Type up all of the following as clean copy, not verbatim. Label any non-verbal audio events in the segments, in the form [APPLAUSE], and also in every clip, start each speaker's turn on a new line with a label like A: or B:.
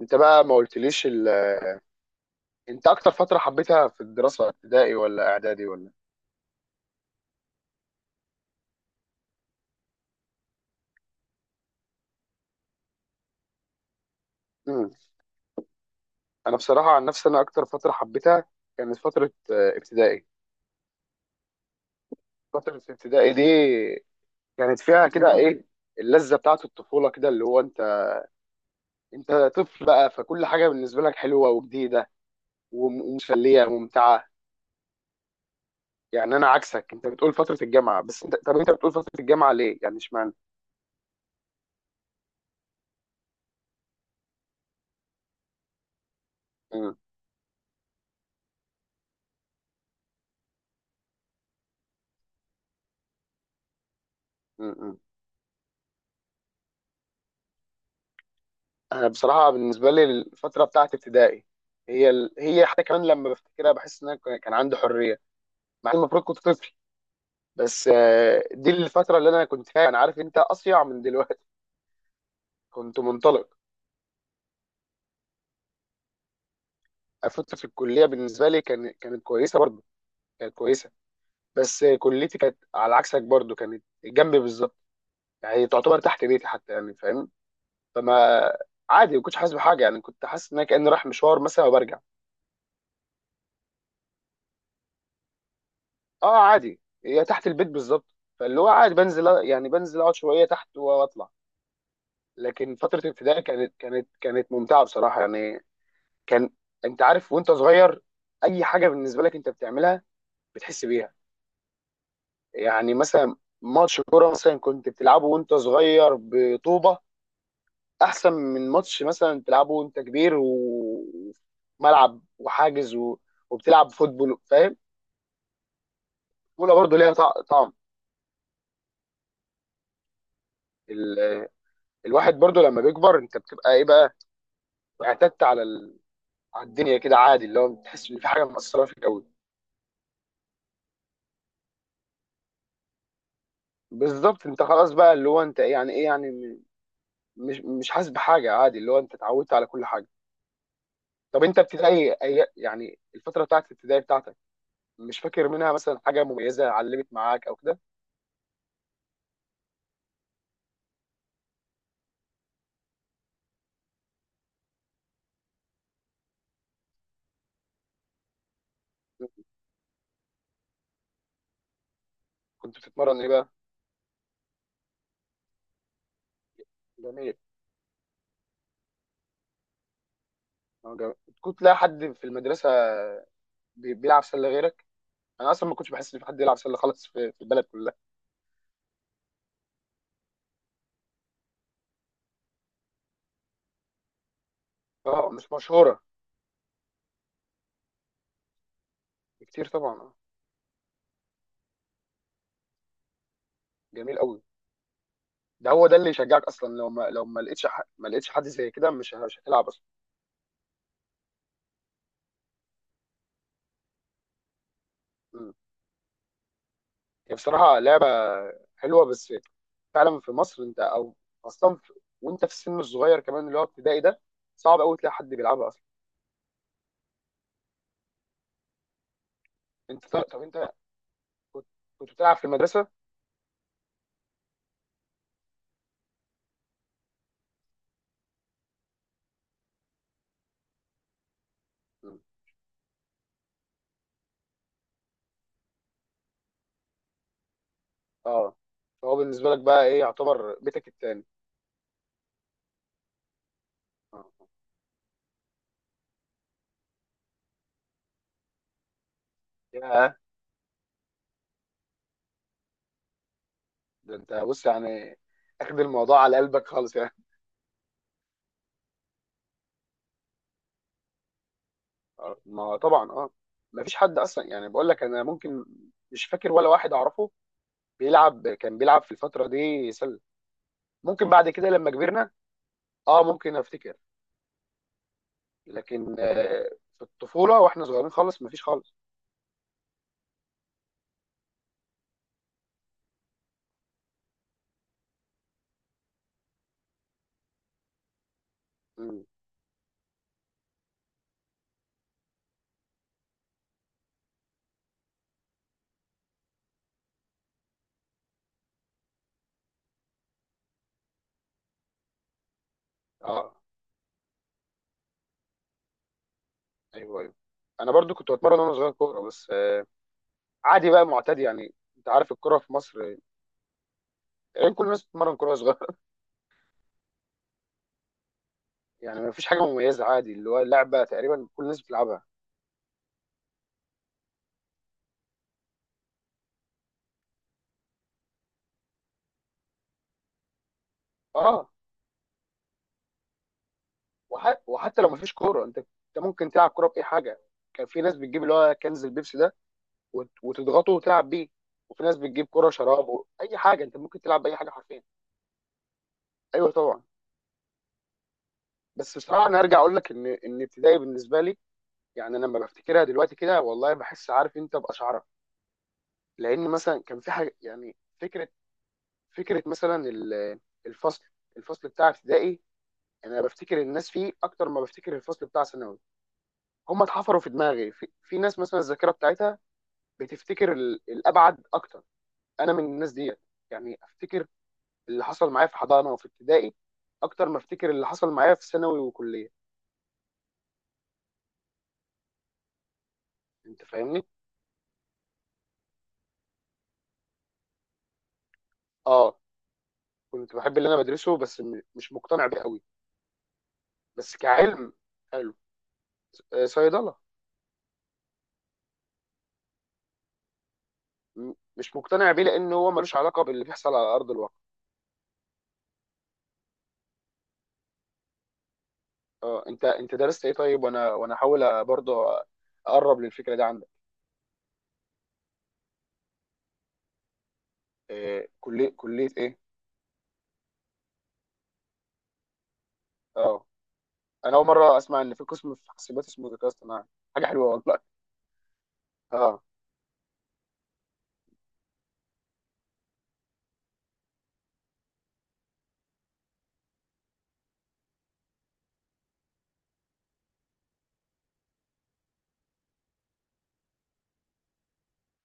A: انت بقى ما قلتليش انت اكتر فتره حبيتها في الدراسه، ابتدائي ولا اعدادي ولا؟ امم انا بصراحه، عن نفسي، انا اكتر فتره حبيتها كانت فتره ابتدائي. فتره ابتدائي دي كانت فيها كده ايه؟ اللذه بتاعه الطفوله، كده اللي هو انت طفل بقى، فكل حاجه بالنسبه لك حلوه وجديده ومسليه وممتعه. يعني انا عكسك، انت بتقول فتره الجامعه، بس انت بتقول فتره الجامعه ليه يعني، اشمعنى؟ امم امم. انا بصراحه بالنسبه لي، الفتره بتاعت ابتدائي، هي حتى كمان لما بفتكرها بحس ان انا كان عندي حريه، مع إن المفروض كنت طفل، بس آه، دي الفتره اللي انا كنت فيها، انا عارف انت اصيع من دلوقتي، كنت منطلق. فتره في الكليه بالنسبه لي كانت كويسه برضو، كانت كويسه، بس كليتي كانت على عكسك، برضو كانت جنبي بالظبط، يعني تعتبر تحت بيتي حتى، يعني فاهم. فما، عادي، ما كنتش حاسس بحاجه، يعني كنت حاسس ان انا كاني رايح مشوار مثلا وبرجع. اه عادي، هي تحت البيت بالظبط، فاللي هو عادي بنزل، يعني اقعد شويه تحت واطلع. لكن فتره ابتدائي كانت ممتعه بصراحه يعني. كان، انت عارف، وانت صغير اي حاجه بالنسبه لك انت بتعملها بتحس بيها. يعني مثلا ماتش كوره مثلا كنت بتلعبه وانت صغير بطوبه، احسن من ماتش مثلا بتلعبه وانت كبير وملعب وحاجز وبتلعب فوتبول، فاهم؟ الكوره برضه ليها طعم. ال... الواحد برضه لما بيكبر انت بتبقى ايه بقى، واعتدت على الدنيا كده، عادي اللي هو بتحس ان في حاجه مأثره فيك قوي. بالظبط، انت خلاص بقى، اللي هو انت إيه يعني، ايه يعني، مش حاسس بحاجه، عادي، اللي هو انت اتعودت على كل حاجه. طب انت ابتدائي، يعني الفتره بتاعت الابتدائي بتاعتك، مش فاكر منها مثلا حاجه مميزه علمت معاك او كده؟ كنت بتتمرن ايه بقى؟ جميل. اه جميل. كنت تلاقي حد في المدرسه بيلعب سله غيرك؟ انا اصلا ما كنتش بحس ان في حد يلعب سله خالص في البلد كلها. اه، مش مشهوره. كتير طبعا، اه. جميل قوي. ده هو ده اللي يشجعك اصلا، لو ما لو ما لقيتش ح- ما لقيتش حد زي كده، مش هتلعب اصلا. مم. هي بصراحه لعبه حلوه، بس فعلا في مصر، انت او اصلا وانت في السن الصغير كمان، اللي هو ابتدائي ده، صعب قوي تلاقي حد بيلعبها اصلا. انت طب طب انت كنت، كنت بتلعب في المدرسه؟ مم. اه، فهو بالنسبه لك بقى ايه، يعتبر بيتك التاني؟ آه. ياه، ده انت بص يعني، اخد الموضوع على قلبك خالص يعني. آه. ما طبعا اه، ما فيش حد اصلا، يعني بقول لك، انا ممكن، مش فاكر ولا واحد اعرفه كان بيلعب في الفتره دي سله. ممكن بعد كده لما كبرنا، اه ممكن افتكر، لكن في الطفوله واحنا صغيرين خالص مفيش خالص. مم. اه، ايوه ايوه، انا برضو كنت بتمرن وانا صغير كوره، بس عادي بقى، معتاد، يعني انت عارف الكوره في مصر، يعني كل الناس بتتمرن كوره صغيره [LAUGHS] يعني مفيش حاجه مميزه، عادي، اللي هو لعبه تقريبا كل الناس بتلعبها. اه. وحتى لو مفيش كوره، انت ممكن تلعب كوره باي حاجه. كان في ناس بتجيب اللي هو كنز البيبسي ده وتضغطه وتلعب بيه. وفي ناس بتجيب كرة شراب اي حاجه، انت ممكن تلعب باي حاجه حرفيا. ايوه طبعا. بس بصراحه انا ارجع اقول لك ان ابتدائي بالنسبه لي، يعني انا لما بفتكرها دلوقتي كده، والله بحس، عارف انت باشعرك، لان مثلا كان في حاجه، يعني فكره، فكره مثلا الفصل الفصل بتاع ابتدائي، يعني انا بفتكر الناس فيه اكتر ما بفتكر الفصل بتاع ثانوي. هم اتحفروا في دماغي، في ناس مثلا الذاكره بتاعتها بتفتكر الابعد اكتر، انا من الناس دي. يعني افتكر اللي حصل معايا في حضانه وفي ابتدائي اكتر ما افتكر اللي حصل معايا في ثانوي وكليه. انت فاهمني. اه، كنت بحب اللي انا بدرسه بس مش مقتنع بيه قوي، بس كعلم. حلو. آه، صيدله. مش مقتنع بيه لان هو ملوش علاقه باللي بيحصل على ارض الواقع. اه، انت درست ايه طيب؟ وانا احاول برضه اقرب للفكره دي عندك. آه، كليه ايه؟ اه، انا اول مره اسمع ان في قسم في حاسبات اسمه ذكاء اصطناعي، حاجه حلوه والله. اه.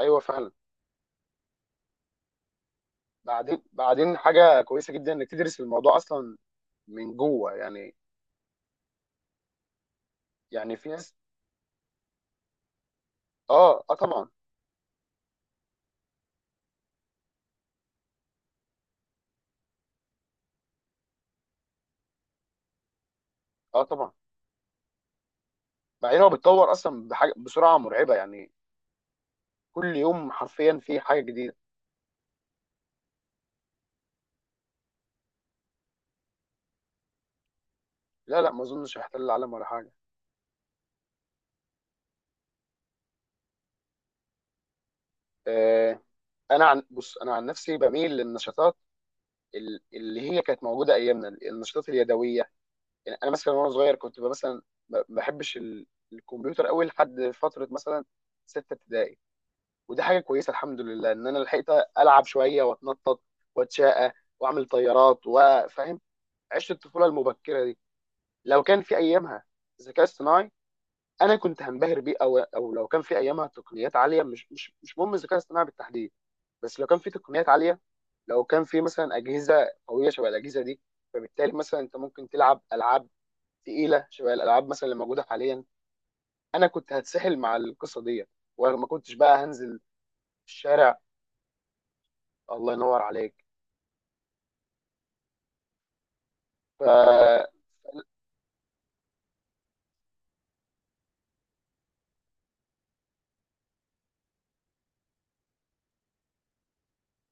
A: ايوه فعلا. بعدين حاجه كويسه جدا انك تدرس الموضوع اصلا من جوه يعني. يعني في ناس، اه طبعا. اه طبعا، بعدين هو بيتطور اصلا بحاجه بسرعه مرعبه يعني، كل يوم حرفيا في حاجه جديده. لا لا، ما اظنش هيحتل العالم ولا حاجه. آه انا عن نفسي بميل للنشاطات اللي هي كانت موجوده ايامنا، النشاطات اليدويه. يعني انا مثلا وانا صغير كنت مثلا ما بحبش الكمبيوتر قوي، لحد فتره مثلا سته ابتدائي. ودي حاجه كويسه، الحمد لله ان انا لحقت العب شويه، واتنطط، واتشقى، واعمل طيارات وفاهم. عشت الطفوله المبكره دي. لو كان في ايامها الذكاء الصناعي، انا كنت هنبهر بيه، او او لو كان في ايامها تقنيات عاليه، مش مهم الذكاء الصناعي بالتحديد، بس لو كان في تقنيات عاليه، لو كان في مثلا اجهزه قويه شبه الاجهزه دي، فبالتالي مثلا انت ممكن تلعب العاب تقيله شبه الالعاب مثلا اللي موجوده حاليا، انا كنت هتسحل مع القصه دي، وما كنتش بقى هنزل الشارع. الله ينور عليك. ف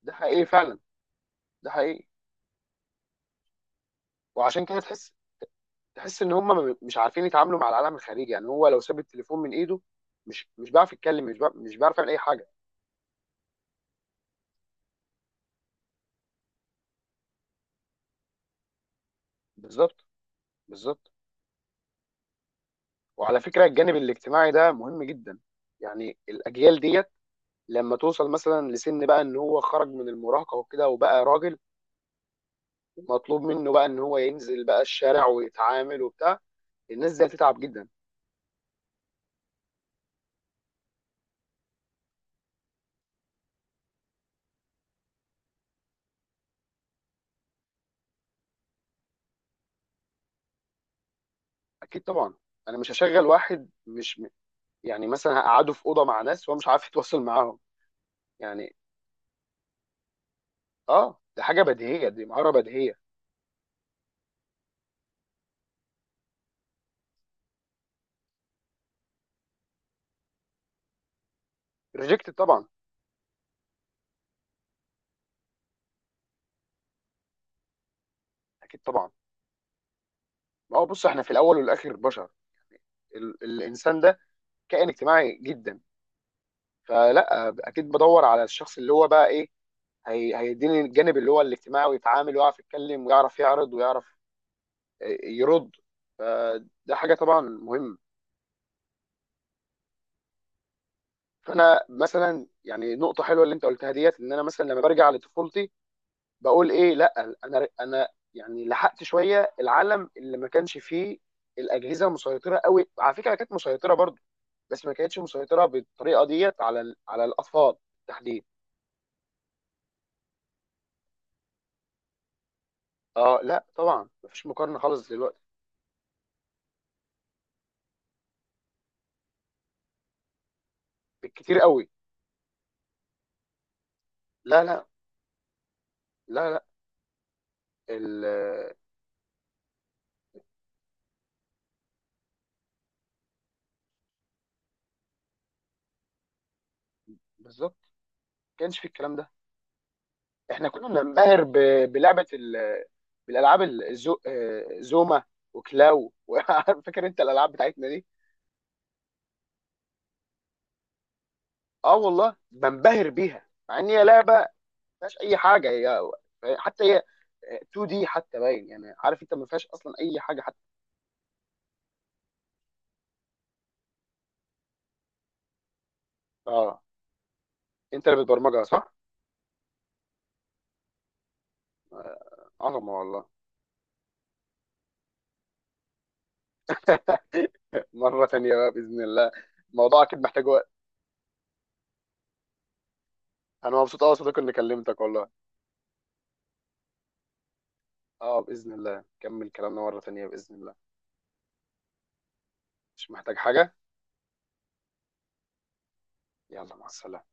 A: ده حقيقي فعلا، ده حقيقي. وعشان كده تحس، تحس ان هم مش عارفين يتعاملوا مع العالم الخارجي، يعني هو لو ساب التليفون من ايده، مش بيعرف يتكلم، مش بيعرف، مش بيعرف يعمل اي حاجه. بالظبط. بالظبط. وعلى فكره، الجانب الاجتماعي ده مهم جدا، يعني الاجيال ديت لما توصل مثلا لسن بقى ان هو خرج من المراهقه وكده وبقى راجل، مطلوب منه بقى ان هو ينزل بقى الشارع ويتعامل وبتاع، الناس دي هتتعب جدا. اكيد طبعا، انا مش هشغل واحد مش، يعني مثلا هقعدوا في اوضه مع ناس وهو مش عارف يتواصل معاهم يعني. اه، دي حاجه بديهيه، دي مهاره بديهيه. ريجكت طبعا. اكيد طبعا. ما هو بص، احنا في الاول والاخر بشر، الانسان ده كائن اجتماعي جدا، فلا اكيد بدور على الشخص اللي هو بقى ايه، هي هيديني الجانب اللي هو الاجتماعي، ويتعامل ويعرف يتكلم ويعرف يعرض ويعرف يرد. فده حاجه طبعا مهمه. فانا مثلا، يعني نقطه حلوه اللي انت قلتها ديت، ان انا مثلا لما برجع لطفولتي، بقول ايه لا، انا يعني لحقت شويه العالم اللي ما كانش فيه الاجهزه مسيطره قوي، على فكره كانت مسيطره برضو، بس ما كانتش مسيطره بالطريقه ديت على على الاطفال بالتحديد. اه لا طبعا، ما فيش مقارنه خالص دلوقتي. بالكتير قوي. لا لا. لا لا. ال- بالظبط، ما كانش في الكلام ده. احنا كنا بننبهر بلعبه بالالعاب، الزو آه، زوما وكلاو [LAUGHS] فاكر انت الالعاب بتاعتنا دي؟ اه والله بنبهر بيها، مع ان هي لعبه فيهاش اي حاجه، هي حتى هي 2 دي حتى باين، يعني عارف انت ما فيهاش اصلا اي حاجه حتى. اه، انت اللي بتبرمجها صح؟ عظمه والله. [LAUGHS] مره تانيه بقى باذن الله، الموضوع اكيد محتاج وقت. انا مبسوط قوي يا صديقي اني كلمتك والله. اه باذن الله نكمل كلامنا مره تانيه باذن الله. مش محتاج حاجه. يلا مع السلامه.